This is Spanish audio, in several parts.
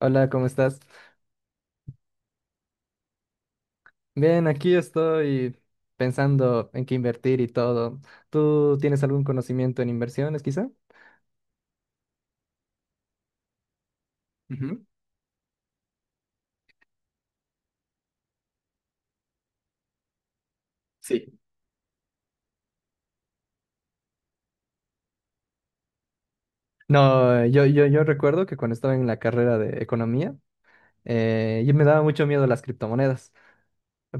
Hola, ¿cómo estás? Bien, aquí estoy pensando en qué invertir y todo. ¿Tú tienes algún conocimiento en inversiones, quizá? Ujú. Sí. No, yo recuerdo que cuando estaba en la carrera de economía, yo me daba mucho miedo las criptomonedas,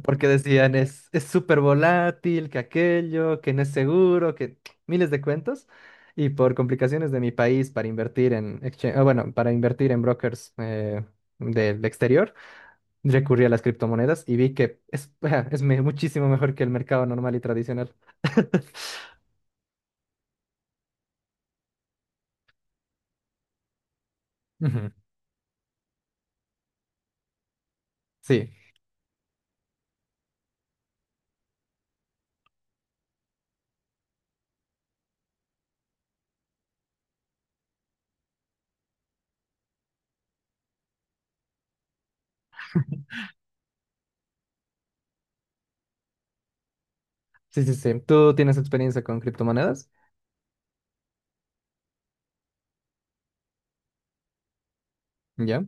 porque decían es súper volátil, que aquello, que no es seguro, que miles de cuentos. Y por complicaciones de mi país para invertir en exchange, ah, bueno, para invertir en brokers del exterior. Recurrí a las criptomonedas y vi que es, muchísimo mejor que el mercado normal y tradicional. Ujú. Sí, sí, sí, sí. Tú tienes experiencia con criptomonedas, ¿ya?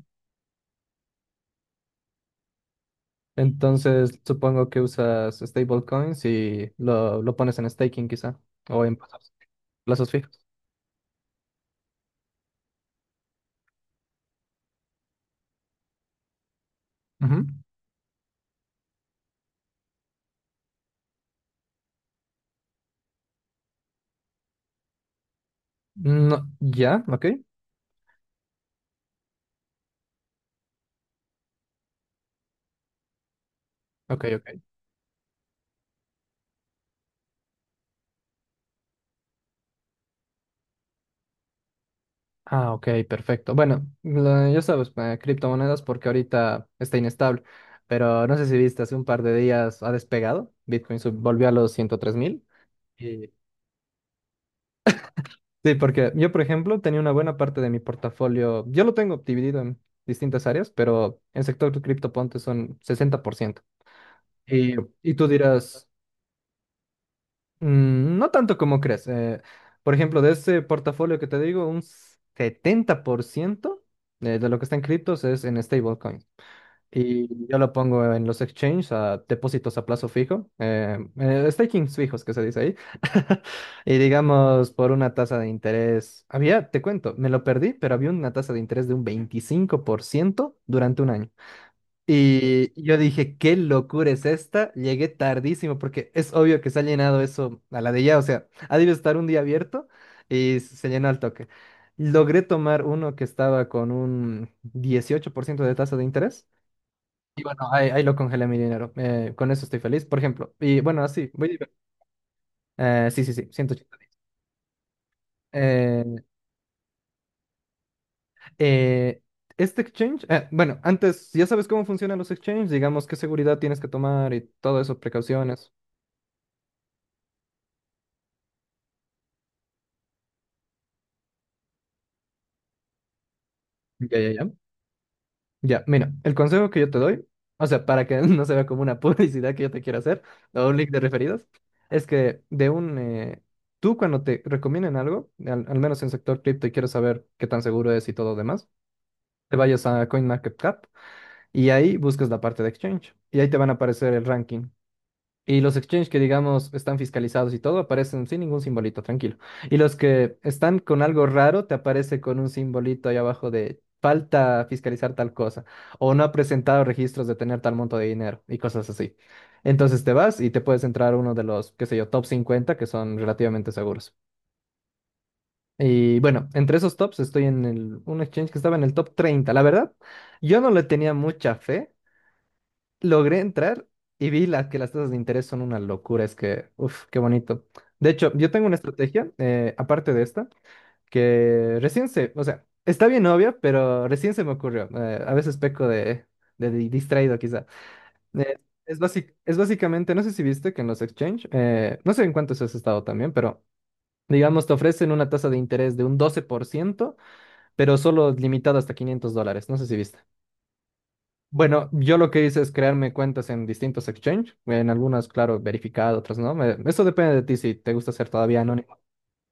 Entonces, supongo que usas stablecoins y lo pones en staking quizá, o en plazos fijos. Ujú. No, ya, ok, ok, ok. Ah, ok, perfecto. Bueno, ya sabes, criptomonedas porque ahorita está inestable, pero no sé si viste, hace un par de días ha despegado, Bitcoin volvió a los 103.000. Y- Sí, porque yo, por ejemplo, tenía una buena parte de mi portafolio, yo lo tengo dividido en distintas áreas, pero en sector cripto ponte son 60%. Y, y tú dirás, "Mm, no tanto como crees. Por ejemplo, de ese portafolio que te digo, un 70% de lo que está en criptos es en stablecoins. Y yo lo pongo en los exchanges, a depósitos a plazo fijo, stakings fijos que se dice ahí. Y digamos, por una tasa de interés, había, te cuento, me lo perdí, pero había una tasa de interés de un 25% durante un año. Y yo dije, qué locura es esta, llegué tardísimo porque es obvio que se ha llenado eso a la de ya, o sea, ha debido estar un día abierto y se llenó al toque. Logré tomar uno que estaba con un 18% de tasa de interés. Y bueno, ahí lo congelé mi dinero. Con eso estoy feliz, por ejemplo. Y bueno, así, voy a... sí, sí, sí, 180 días. Eh, eh, este exchange, bueno, antes, ya sabes cómo funcionan los exchanges, digamos qué seguridad tienes que tomar y todo eso, precauciones. Ya, ya, ya. Ya, mira, el consejo que yo te doy, o sea, para que no se vea como una publicidad que yo te quiero hacer o un link de referidos, es que tú cuando te recomienden algo, al menos en sector cripto y quieres saber qué tan seguro es y todo demás, te vayas a CoinMarketCap. Y ahí buscas la parte de exchange. Y ahí te van a aparecer el ranking. Y los exchanges que, digamos, están fiscalizados y todo, aparecen sin ningún simbolito, tranquilo. Y los que están con algo raro, te aparece con un simbolito ahí abajo de falta fiscalizar tal cosa. O no ha presentado registros de tener tal monto de dinero y cosas así. Entonces te vas y te puedes entrar a uno de los, qué sé yo, top 50 que son relativamente seguros. Y bueno, entre esos tops estoy en el, un exchange que estaba en el top treinta. La verdad, yo no le tenía mucha fe, logré entrar y vi que las tasas de interés son una locura. Es que, uff, qué bonito. De hecho, yo tengo una estrategia, aparte de esta, que recién o sea, está bien obvia, pero recién se me ocurrió. A veces peco de distraído quizá. Eh, es básicamente, no sé si viste que en los exchange, no sé en cuántos has estado también, pero digamos, te ofrecen una tasa de interés de un 12%, pero solo limitado hasta $500. No sé si viste. Bueno, yo lo que hice es crearme cuentas en distintos exchange, en algunas, claro, verificado, otras no. Eso depende de ti si te gusta ser todavía anónimo.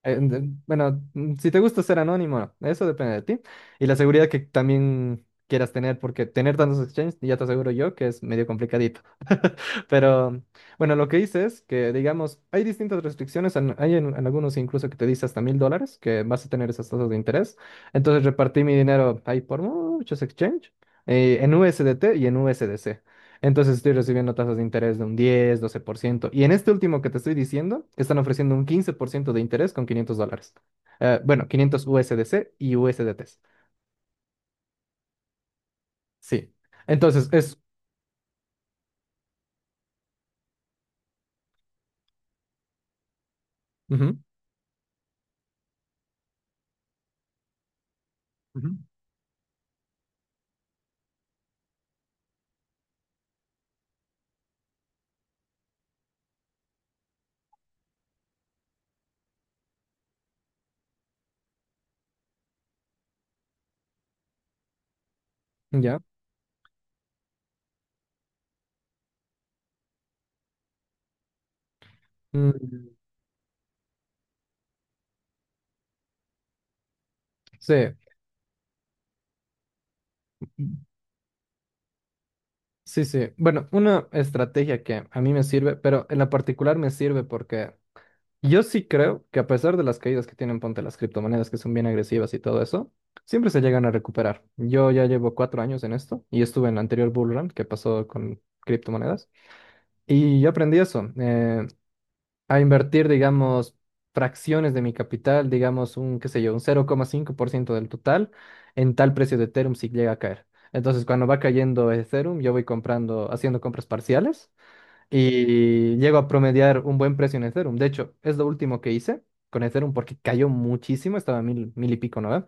Bueno, si te gusta ser anónimo, no, eso depende de ti. Y la seguridad que también quieras tener, porque tener tantos exchanges, ya te aseguro yo que es medio complicadito. Pero bueno, lo que hice es que, digamos, hay distintas restricciones. Hay en algunos incluso que te dice hasta $1.000 que vas a tener esas tasas de interés. Entonces repartí mi dinero ahí por muchos exchange, en USDT y en USDC. Entonces estoy recibiendo tasas de interés de un 10-12%. Y en este último que te estoy diciendo, están ofreciendo un 15% de interés con $500. Bueno, 500 USDC y USDT. Sí. Entonces es. Ujú. Ujú. Ya. Mm, sí. Sí, sí. Bueno, una estrategia que a mí me sirve, pero en la particular me sirve porque yo sí creo que a pesar de las caídas que tienen, ponte las criptomonedas que son bien agresivas y todo eso, siempre se llegan a recuperar. Yo ya llevo 4 años en esto y estuve en el anterior bull run que pasó con criptomonedas y yo aprendí eso. A invertir, digamos, fracciones de mi capital, digamos, un, qué sé yo, un 0,5% del total en tal precio de Ethereum si llega a caer. Entonces, cuando va cayendo Ethereum, yo voy comprando, haciendo compras parciales y llego a promediar un buen precio en Ethereum. De hecho, es lo último que hice con Ethereum porque cayó muchísimo, estaba a mil, mil y pico, ¿no?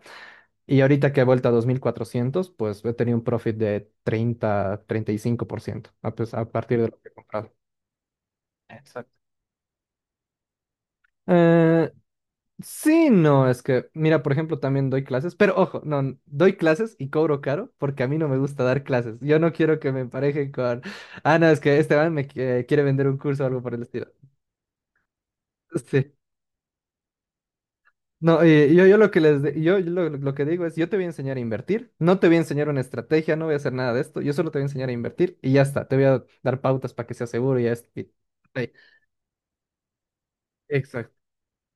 Y ahorita que he vuelto a 2.400 pues he tenido un profit de 30-35% a, a partir de lo que he comprado. Exacto. Eh, sí, no, es que, mira, por ejemplo, también doy clases, pero ojo, no, doy clases y cobro caro porque a mí no me gusta dar clases. Yo no quiero que me emparejen con, ah, no, es que Esteban me quiere vender un curso o algo por el estilo. Sí. No, y yo lo que digo es, yo te voy a enseñar a invertir, no te voy a enseñar una estrategia, no voy a hacer nada de esto, yo solo te voy a enseñar a invertir y ya está, te voy a dar pautas para que sea seguro y ya es. Sí, exacto.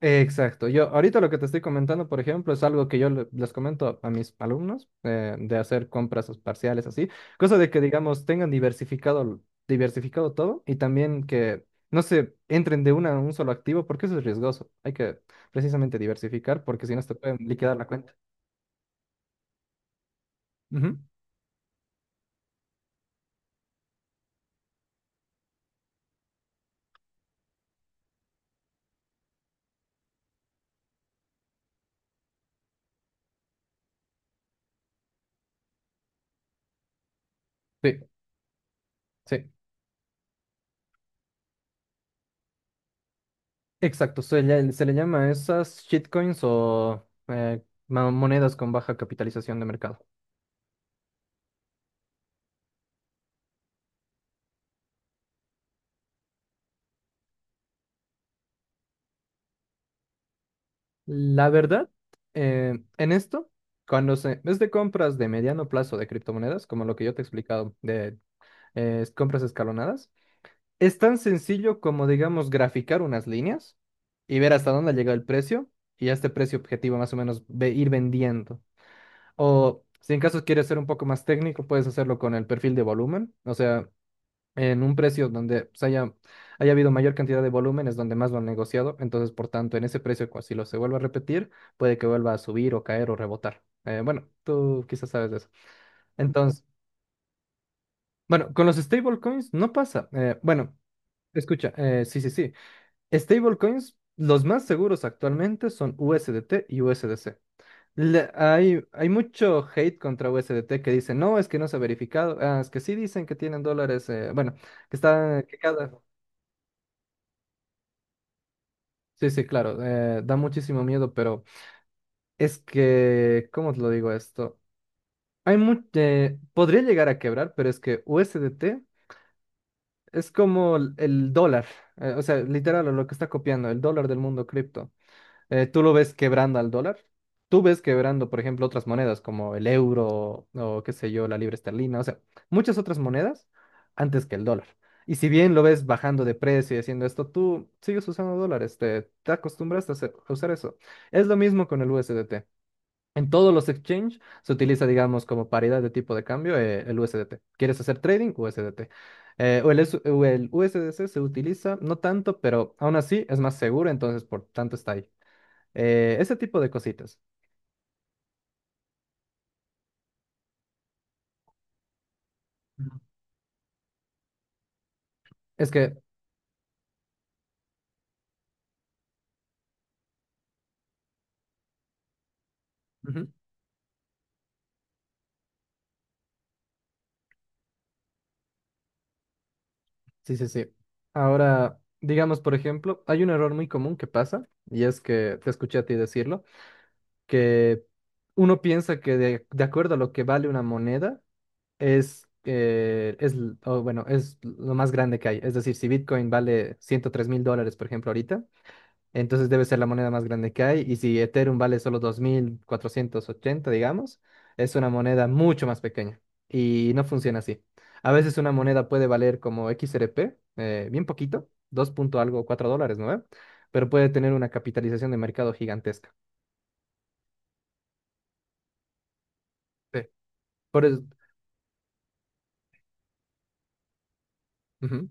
Exacto. Yo ahorita lo que te estoy comentando, por ejemplo, es algo que yo les comento a mis alumnos, de hacer compras parciales así, cosa de que digamos tengan diversificado todo y también que no se entren de una a un solo activo porque eso es riesgoso. Hay que precisamente diversificar porque si no se te pueden liquidar la cuenta. Ujú. Sí, sí. Exacto. Se le llama a esas shitcoins o monedas con baja capitalización de mercado. La verdad, en esto, cuando es de compras de mediano plazo de criptomonedas, como lo que yo te he explicado, de compras escalonadas, es tan sencillo como, digamos, graficar unas líneas y ver hasta dónde ha llegado el precio y a este precio objetivo más o menos ir vendiendo. O si en caso quieres ser un poco más técnico, puedes hacerlo con el perfil de volumen. O sea, en un precio donde haya habido mayor cantidad de volúmenes, donde más lo han negociado. Entonces, por tanto, en ese precio, si lo se vuelve a repetir, puede que vuelva a subir o caer o rebotar. Bueno, tú quizás sabes de eso. Entonces, bueno, con los stablecoins no pasa. Bueno, escucha, sí, sí, sí. Stablecoins, los más seguros actualmente son USDT y USDC. Hay mucho hate contra USDT que dicen, no, es que no se ha verificado. Ah, es que sí dicen que tienen dólares. Bueno, que está, que cada, sí, sí, claro, da muchísimo miedo, pero es que, ¿cómo te lo digo esto? Hay mucho, podría llegar a quebrar, pero es que U S D T es como el dólar, o sea, literal, lo que está copiando, el dólar del mundo cripto. ¿Tú lo ves quebrando al dólar? ¿Tú ves quebrando, por ejemplo, otras monedas como el euro o qué sé yo, la libra esterlina? O sea, muchas otras monedas antes que el dólar. Y si bien lo ves bajando de precio y haciendo esto, tú sigues usando dólares, te acostumbraste a usar eso. Es lo mismo con el U S D T. En todos los exchanges se utiliza, digamos, como paridad de tipo de cambio el U S D T. ¿Quieres hacer trading? USDT. O el USDC se utiliza, no tanto, pero aún así es más seguro, entonces por tanto está ahí. Ese tipo de cositas. Es que, ujú, sí, sí, sí. Ahora, digamos, por ejemplo, hay un error muy común que pasa, y es que te escuché a ti decirlo, que uno piensa que de acuerdo a lo que vale una moneda, es, l- o bueno, es lo más grande que hay. Es decir, si Bitcoin vale $103.000, por ejemplo, ahorita, entonces debe ser la moneda más grande que hay. Y si Ethereum vale solo 2.480 digamos, es una moneda mucho más pequeña. Y no funciona así. A veces una moneda puede valer como XRP, bien poquito, 2 punto algo, 4 dólares, ¿no? ¿Ve? Pero puede tener una capitalización de mercado gigantesca. Sí. Por eso- Ujú.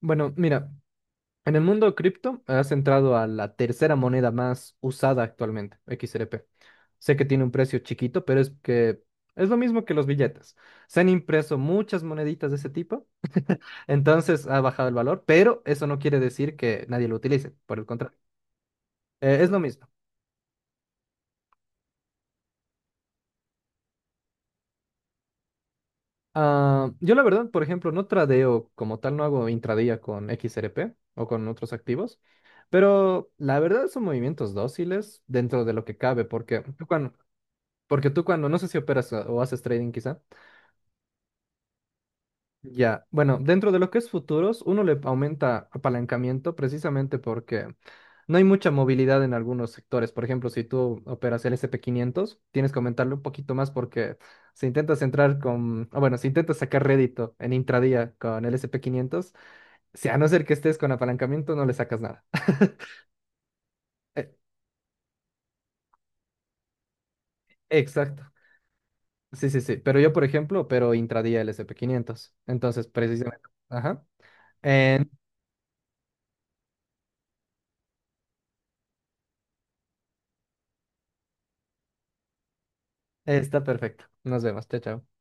Bueno, mira, en el mundo cripto has entrado a la tercera moneda más usada actualmente, XRP. Sé que tiene un precio chiquito, pero es que es lo mismo que los billetes. Se han impreso muchas moneditas de ese tipo, entonces ha bajado el valor, pero eso no quiere decir que nadie lo utilice, por el contrario. Es lo mismo. Ah, yo la verdad, por ejemplo, no tradeo como tal, no hago intradía con XRP o con otros activos, pero la verdad son movimientos dóciles dentro de lo que cabe, porque tú porque tú cuando, no sé si operas ah, o haces trading quizá, ya, bueno, dentro de lo que es futuros, uno le aumenta apalancamiento precisamente porque no hay mucha movilidad en algunos sectores. Por ejemplo, si tú operas el S&P 500, tienes que aumentarle un poquito más porque si intentas entrar con, o bueno, si intentas sacar rédito en intradía con el S&P 500, si a no ser que estés con apalancamiento, no le sacas nada. Eh, exacto. Sí, sí, sí. Pero yo, por ejemplo, opero intradía el S&P 500. Entonces, precisamente, ajá. Eh, está perfecto. Nos vemos. Chao, chao.